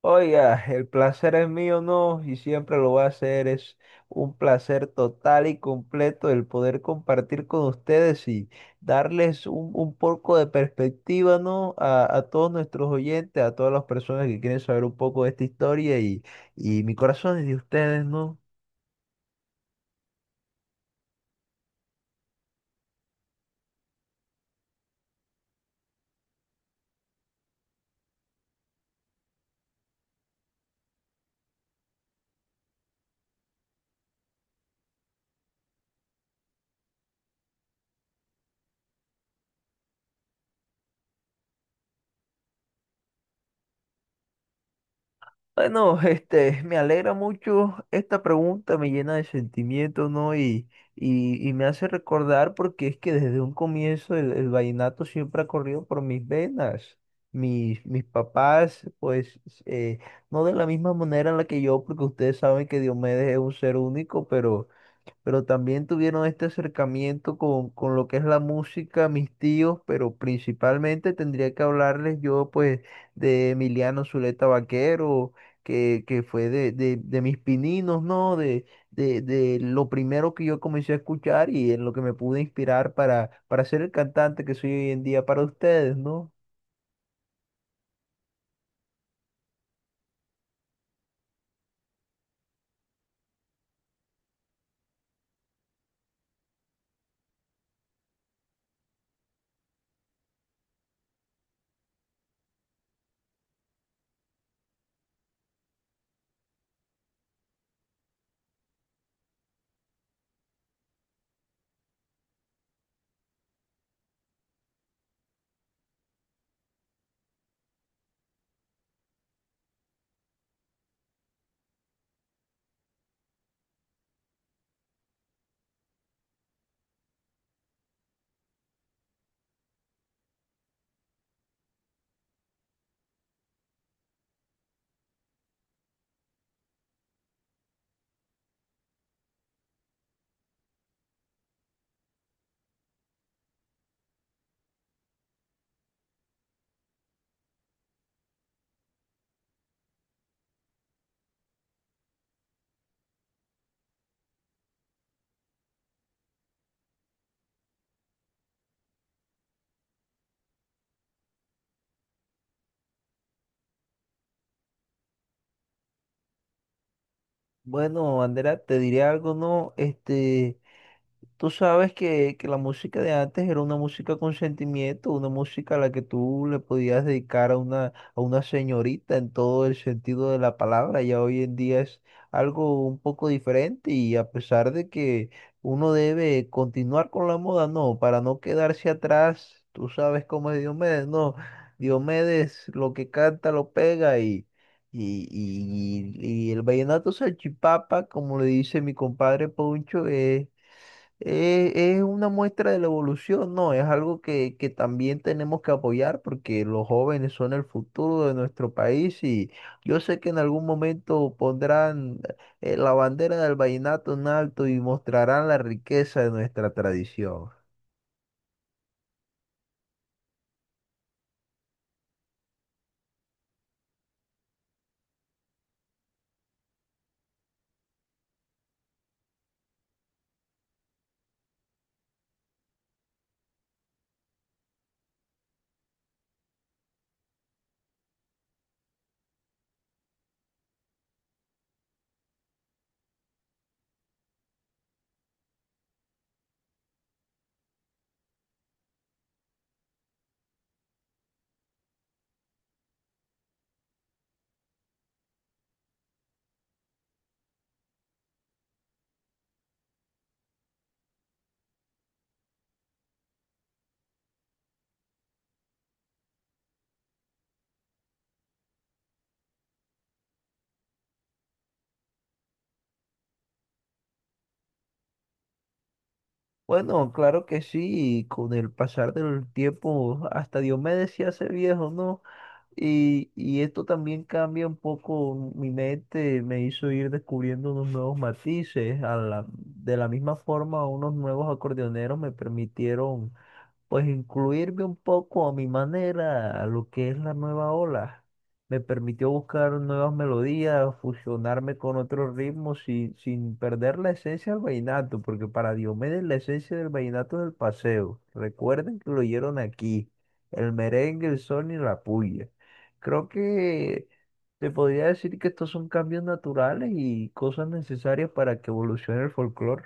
Oiga, el placer es mío, no, y siempre lo va a hacer. Es un placer total y completo el poder compartir con ustedes y darles un poco de perspectiva, ¿no? A todos nuestros oyentes, a todas las personas que quieren saber un poco de esta historia y mi corazón es de ustedes, ¿no? Bueno, este, me alegra mucho esta pregunta, me llena de sentimiento, ¿no? Y me hace recordar porque es que desde un comienzo el vallenato siempre ha corrido por mis venas. Mis papás, pues, eh, no de la misma manera en la que yo, porque ustedes saben que Diomedes es un ser único, pero también tuvieron este acercamiento con lo que es la música, mis tíos, pero principalmente tendría que hablarles yo pues de Emiliano Zuleta Vaquero, que fue de mis pininos, ¿no? De lo primero que yo comencé a escuchar y en lo que me pude inspirar para ser el cantante que soy hoy en día para ustedes, ¿no? Bueno, Andrea, te diré algo, ¿no? Este... Tú sabes que la música de antes era una música con sentimiento, una música a la que tú le podías dedicar a una señorita en todo el sentido de la palabra. Ya hoy en día es algo un poco diferente y a pesar de que uno debe continuar con la moda, no, para no quedarse atrás, tú sabes cómo es Diomedes, no, Diomedes lo que canta lo pega y... Y el vallenato salchipapa, como le dice mi compadre Poncho, es una muestra de la evolución, ¿no? Es algo que también tenemos que apoyar porque los jóvenes son el futuro de nuestro país y yo sé que en algún momento pondrán la bandera del vallenato en alto y mostrarán la riqueza de nuestra tradición. Bueno, claro que sí, y con el pasar del tiempo hasta Diomedes se hace viejo, ¿no? Y esto también cambia un poco mi mente, me hizo ir descubriendo unos nuevos matices. De la misma forma, unos nuevos acordeoneros me permitieron pues incluirme un poco a mi manera a lo que es la nueva ola. Me permitió buscar nuevas melodías, fusionarme con otros ritmos sin perder la esencia del vallenato, porque para Diomedes la esencia del vallenato es el paseo. Recuerden que lo oyeron aquí, el merengue, el son y la puya. Creo que se podría decir que estos son cambios naturales y cosas necesarias para que evolucione el folclore.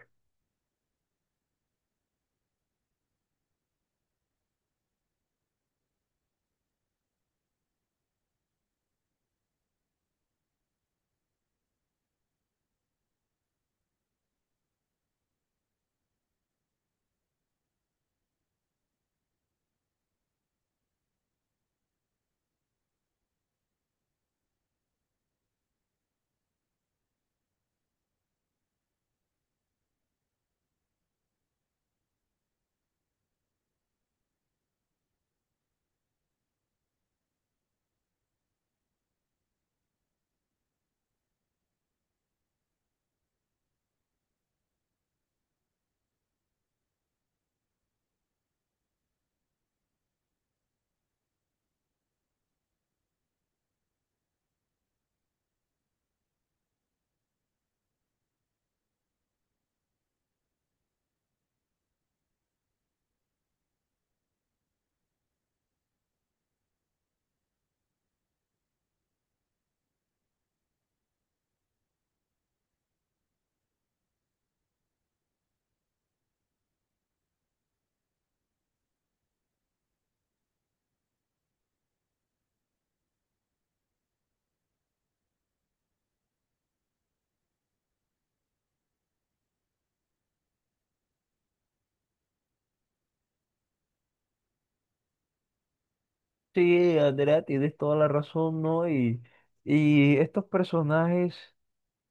Sí, Andrea, tienes toda la razón, ¿no? Y estos personajes,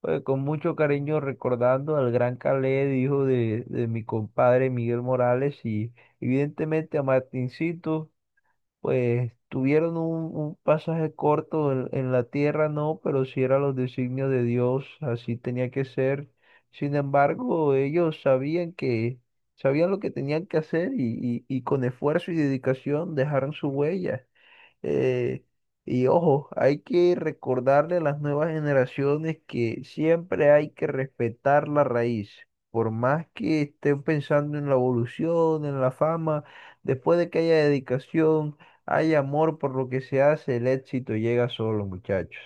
pues, con mucho cariño recordando al gran Khaled, hijo de mi compadre Miguel Morales, y evidentemente a Martincito, pues tuvieron un pasaje corto en la tierra, ¿no? Pero si era los designios de Dios, así tenía que ser. Sin embargo, ellos sabían sabían lo que tenían que hacer y con esfuerzo y dedicación dejaron su huella. Eh, y ojo, hay que recordarle a las nuevas generaciones que siempre hay que respetar la raíz. Por más que estén pensando en la evolución, en la fama, después de que haya dedicación, hay amor por lo que se hace, el éxito llega solo, muchachos.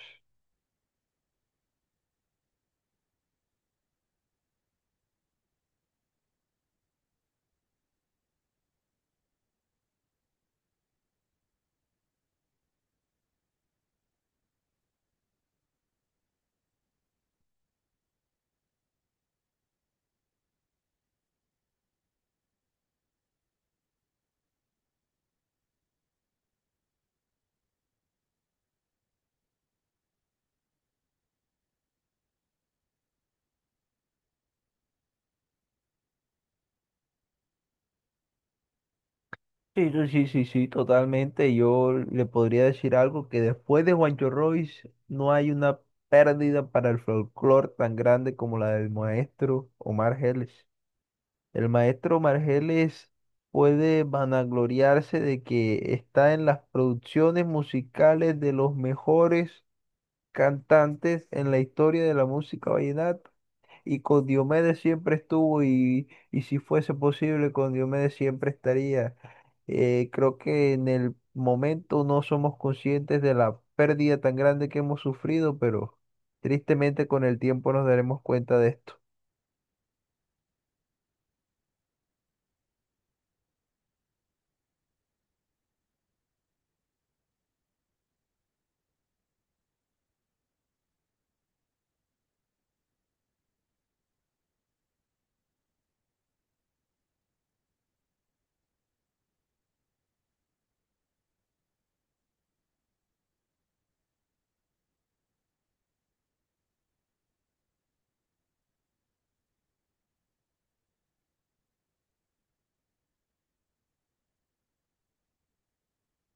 Sí, sí, sí, sí, sí, totalmente. Yo le podría decir algo que después de Juancho Royce no hay una pérdida para el folclore tan grande como la del maestro Omar Geles. El maestro Margeles puede vanagloriarse de que está en las producciones musicales de los mejores cantantes en la historia de la música vallenata. Y con Diomedes siempre estuvo y si fuese posible, con Diomedes siempre estaría. Creo que en el momento no somos conscientes de la pérdida tan grande que hemos sufrido, pero tristemente con el tiempo nos daremos cuenta de esto.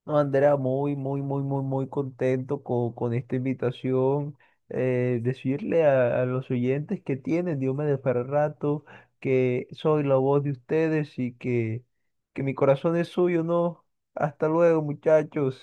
No, Andrea, muy, muy, muy, muy, muy contento con esta invitación. Decirle a los oyentes que tienen Diomedes para rato, que soy la voz de ustedes y que mi corazón es suyo, ¿no? Hasta luego, muchachos.